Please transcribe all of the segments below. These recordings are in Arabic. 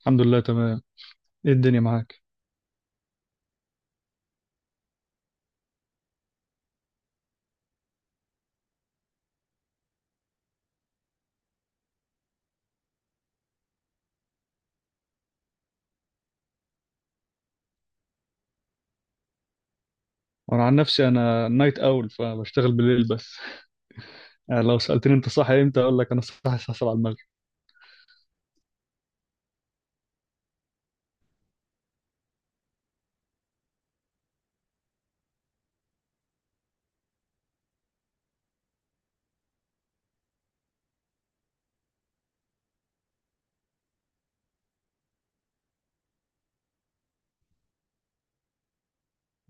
الحمد لله، تمام. ايه الدنيا معاك؟ وانا عن نفسي، انا نايت اول، فبشتغل بالليل بس. يعني لو سالتني انت صاحي امتى، اقول لك انا صاحي الساعه 7 المغرب.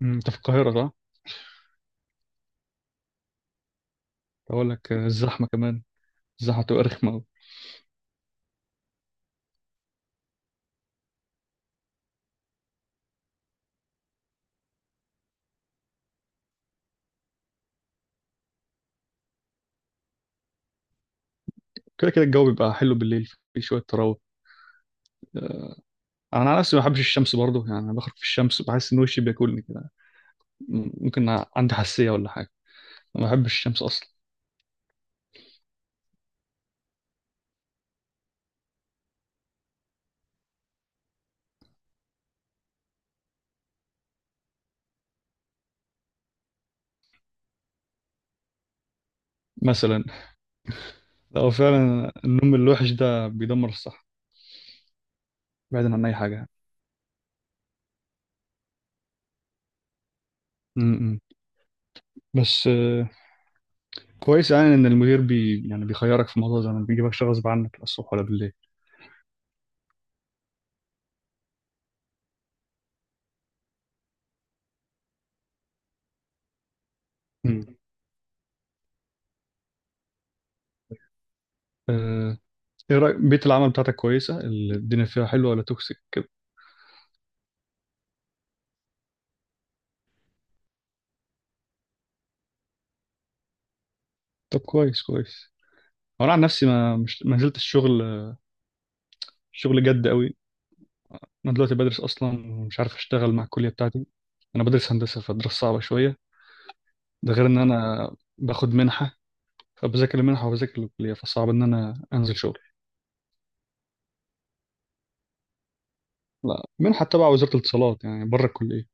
انت في القاهره، صح؟ اقول لك الزحمه كمان. الزحمه بتبقى رخمه أوي. كده كده الجو بيبقى حلو بالليل، في شويه تراوح. انا على نفسي ما بحبش الشمس برضه، يعني انا بخرج في الشمس بحس ان وشي بياكلني كده. ممكن عندي حساسيه ولا حاجه. ما بحبش الشمس اصلا. مثلا، لو فعلا النوم الوحش ده بيدمر الصحه، بعيدا عن اي حاجه. م- م. بس كويس يعني ان المدير بي يعني بيخيرك في موضوع، زي ما بيجيبكش غصب عنك، لا الصبح ولا بالليل. مم. آه، ايه رأيك؟ بيئة العمل بتاعتك كويسة، الدنيا فيها حلوة ولا توكسيك كده؟ طب، كويس كويس. هو انا عن نفسي ما نزلت الشغل، شغل جد قوي. انا دلوقتي بدرس اصلا ومش عارف اشتغل مع الكلية بتاعتي. انا بدرس هندسة، فالدراسة صعبة شوية. ده غير ان انا باخد منحة، فبذاكر المنحة وبذاكر الكلية، فصعب ان انا انزل شغل. لا، منحة تبع وزارة الاتصالات يعني بره الكلية.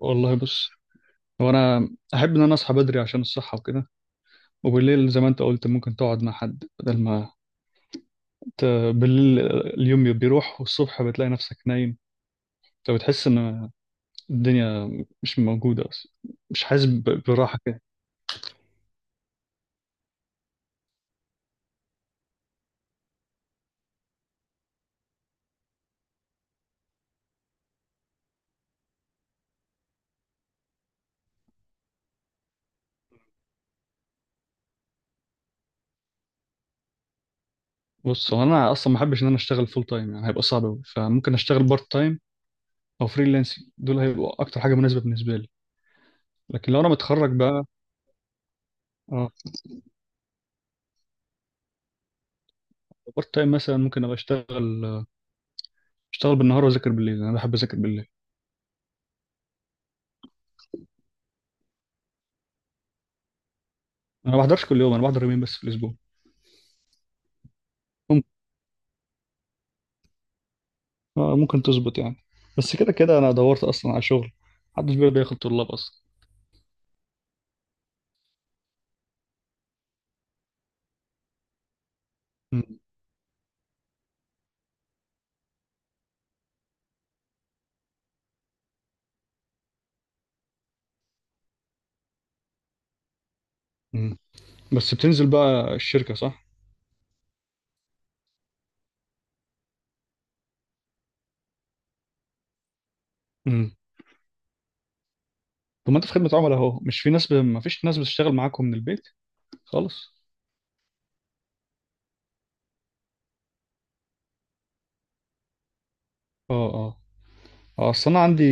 والله، بص. وانا احب ان انا اصحى بدري عشان الصحه وكده. وبالليل زي ما انت قلت ممكن تقعد مع حد، بدل ما ت... بالليل اليوم بيروح والصبح بتلاقي نفسك نايم. فبتحس ان الدنيا مش موجوده اصلا، مش حاسس براحه كده. بص، هو انا اصلا ما احبش ان انا اشتغل فول تايم، يعني هيبقى صعب قوي، فممكن اشتغل بارت تايم او فريلانسنج، دول هيبقوا اكتر حاجه مناسبه بالنسبه لي، لكن لو انا متخرج بقى. اه، بارت تايم مثلا ممكن ابقى اشتغل بالنهار واذاكر بالليل، انا بحب اذاكر بالليل. انا ما بحضرش كل يوم، انا بحضر يومين بس في الاسبوع. ممكن تظبط يعني. بس كده كده انا دورت اصلا على شغل، محدش بيرضى ياخد طلاب اصلا. مم. مم. بس بتنزل بقى الشركه، صح؟ مم. طب، ما انت في خدمه عملاء اهو، مش في ناس ما فيش ناس بتشتغل معاكم من البيت خالص؟ اه، اه. اصل انا عندي،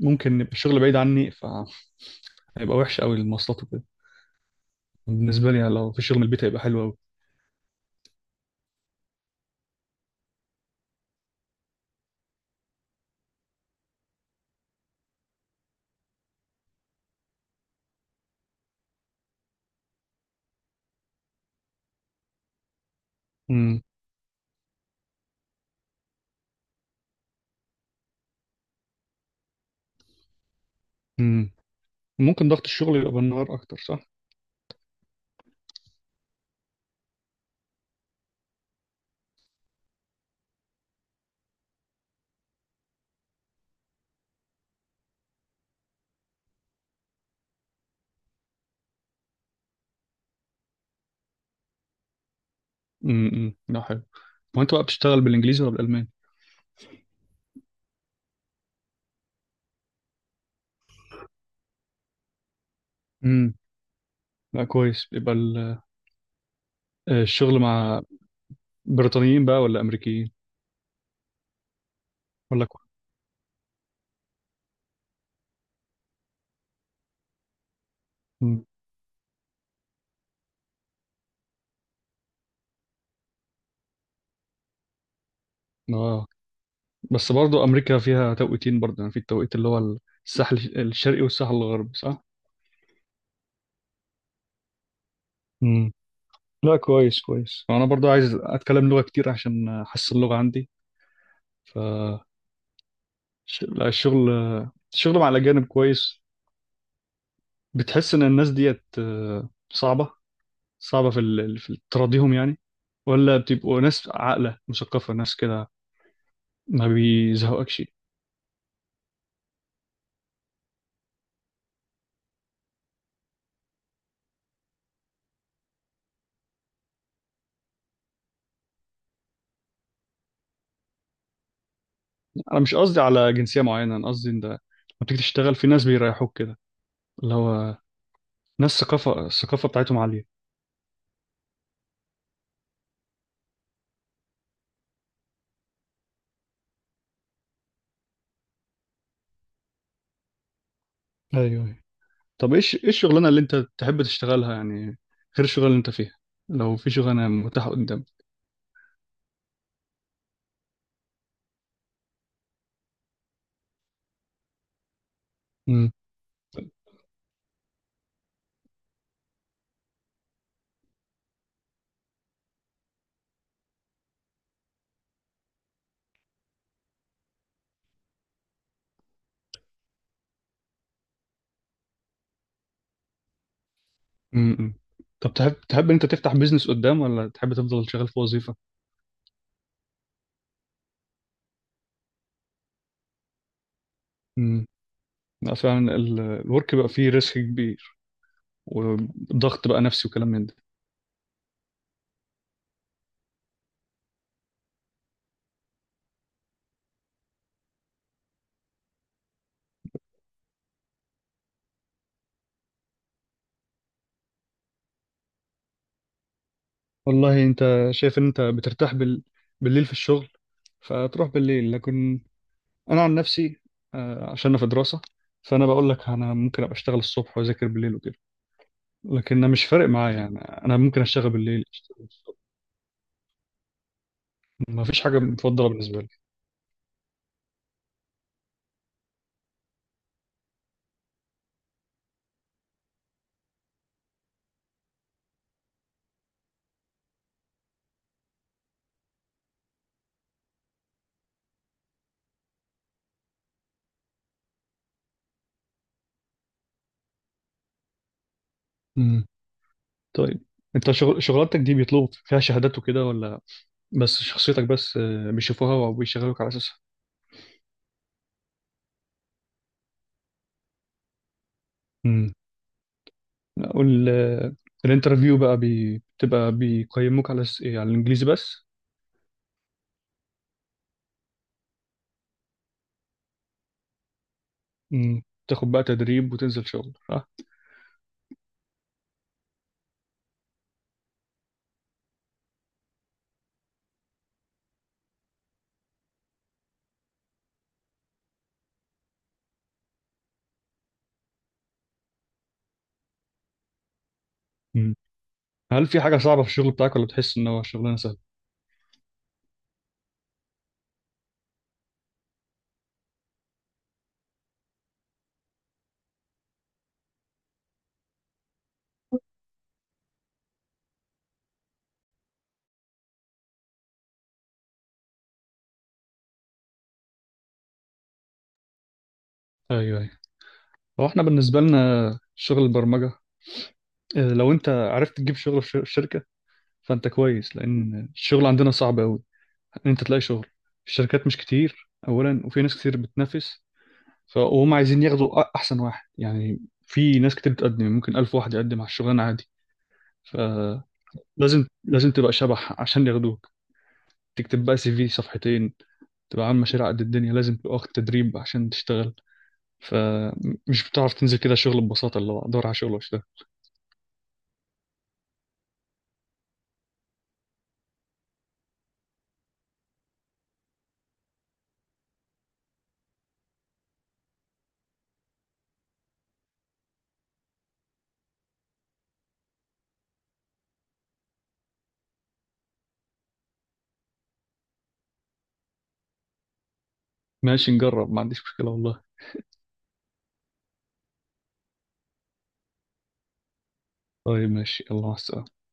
ممكن يبقى الشغل بعيد عني، فهيبقى وحش قوي المواصلات وكده. بالنسبه لي لو في شغل من البيت هيبقى حلو قوي. مم. مم. ممكن ضغط الشغل يبقى بالنهار اكتر، صح؟ امم. امم. ده حلو. هو انت بقى بتشتغل بالانجليزي ولا بالالماني؟ امم. لا، كويس، بيبقى الشغل مع بريطانيين بقى ولا امريكيين؟ ولا كو... مم. اه، بس برضو امريكا فيها توقيتين برضو، يعني في التوقيت اللي هو الساحل الشرقي والساحل الغربي، صح؟ امم. لا، كويس كويس، انا برضو عايز اتكلم لغة كتير عشان احسن اللغة عندي. ف لا، الشغل مع الاجانب كويس. بتحس ان الناس ديت صعبة، صعبة في تراضيهم يعني، ولا بتبقوا ناس عاقلة مثقفة، ناس كده؟ ما بيزهقكش؟ انا مش قصدي على جنسيه معينه، انا قصدي ان ده لما بتيجي تشتغل في ناس بيريحوك كده، اللي هو ناس الثقافه بتاعتهم عاليه. ايوه، أيوة. طب، ايه الشغلانه اللي انت تحب تشتغلها يعني، غير الشغلانه اللي انت فيها، لو في شغلانه متاحه قدامك؟ أمم. امم. طب، تحب ان انت تفتح بيزنس قدام، ولا تحب تفضل شغال في وظيفه؟ أمم. لا، فعلا الورك بقى فيه ريسك كبير، وضغط بقى نفسي وكلام من ده. والله، انت شايف ان انت بترتاح بالليل في الشغل، فتروح بالليل، لكن انا عن نفسي، عشان انا في دراسه، فانا بقول لك انا ممكن ابقى اشتغل الصبح واذاكر بالليل وكده، لكن انا مش فارق معايا يعني، انا ممكن اشتغل بالليل اشتغل الصبح. ما فيش حاجه مفضله بالنسبه لي. امم. طيب، انت شغلانتك دي بيطلبوا فيها شهادات وكده، ولا بس شخصيتك بس بيشوفوها وبيشغلوك على اساسها؟ امم. اقول الانترفيو بقى بتبقى بيقيموك على إيه، على الانجليزي بس؟ امم. تاخد بقى تدريب وتنزل شغل، صح؟ امم. هل في حاجه صعبه في الشغل بتاعك، ولا بتحس ان هو شغلانه سهله؟ ايوه، هو احنا بالنسبة لنا شغل البرمجة، لو انت عرفت تجيب شغل في الشركة فانت كويس، لان الشغل عندنا صعب قوي، ان انت تلاقي شغل. الشركات مش كتير اولا، وفي ناس كتير بتنافس، فهم عايزين ياخدوا احسن واحد يعني. في ناس كتير بتقدم، يعني ممكن 1000 واحد يقدم على الشغلانة عادي، فلازم، لازم تبقى شبح عشان ياخدوك. تكتب بقى CV صفحتين، تبقى عامل مشاريع قد الدنيا، لازم تبقى واخد تدريب عشان تشتغل، فمش بتعرف تنزل كده شغل ببساطة اللي هو ادور على شغل واشتغل. ماشي، نجرب، ما عنديش مشكلة والله. طيب، ماشي، يلا، مع السلامة.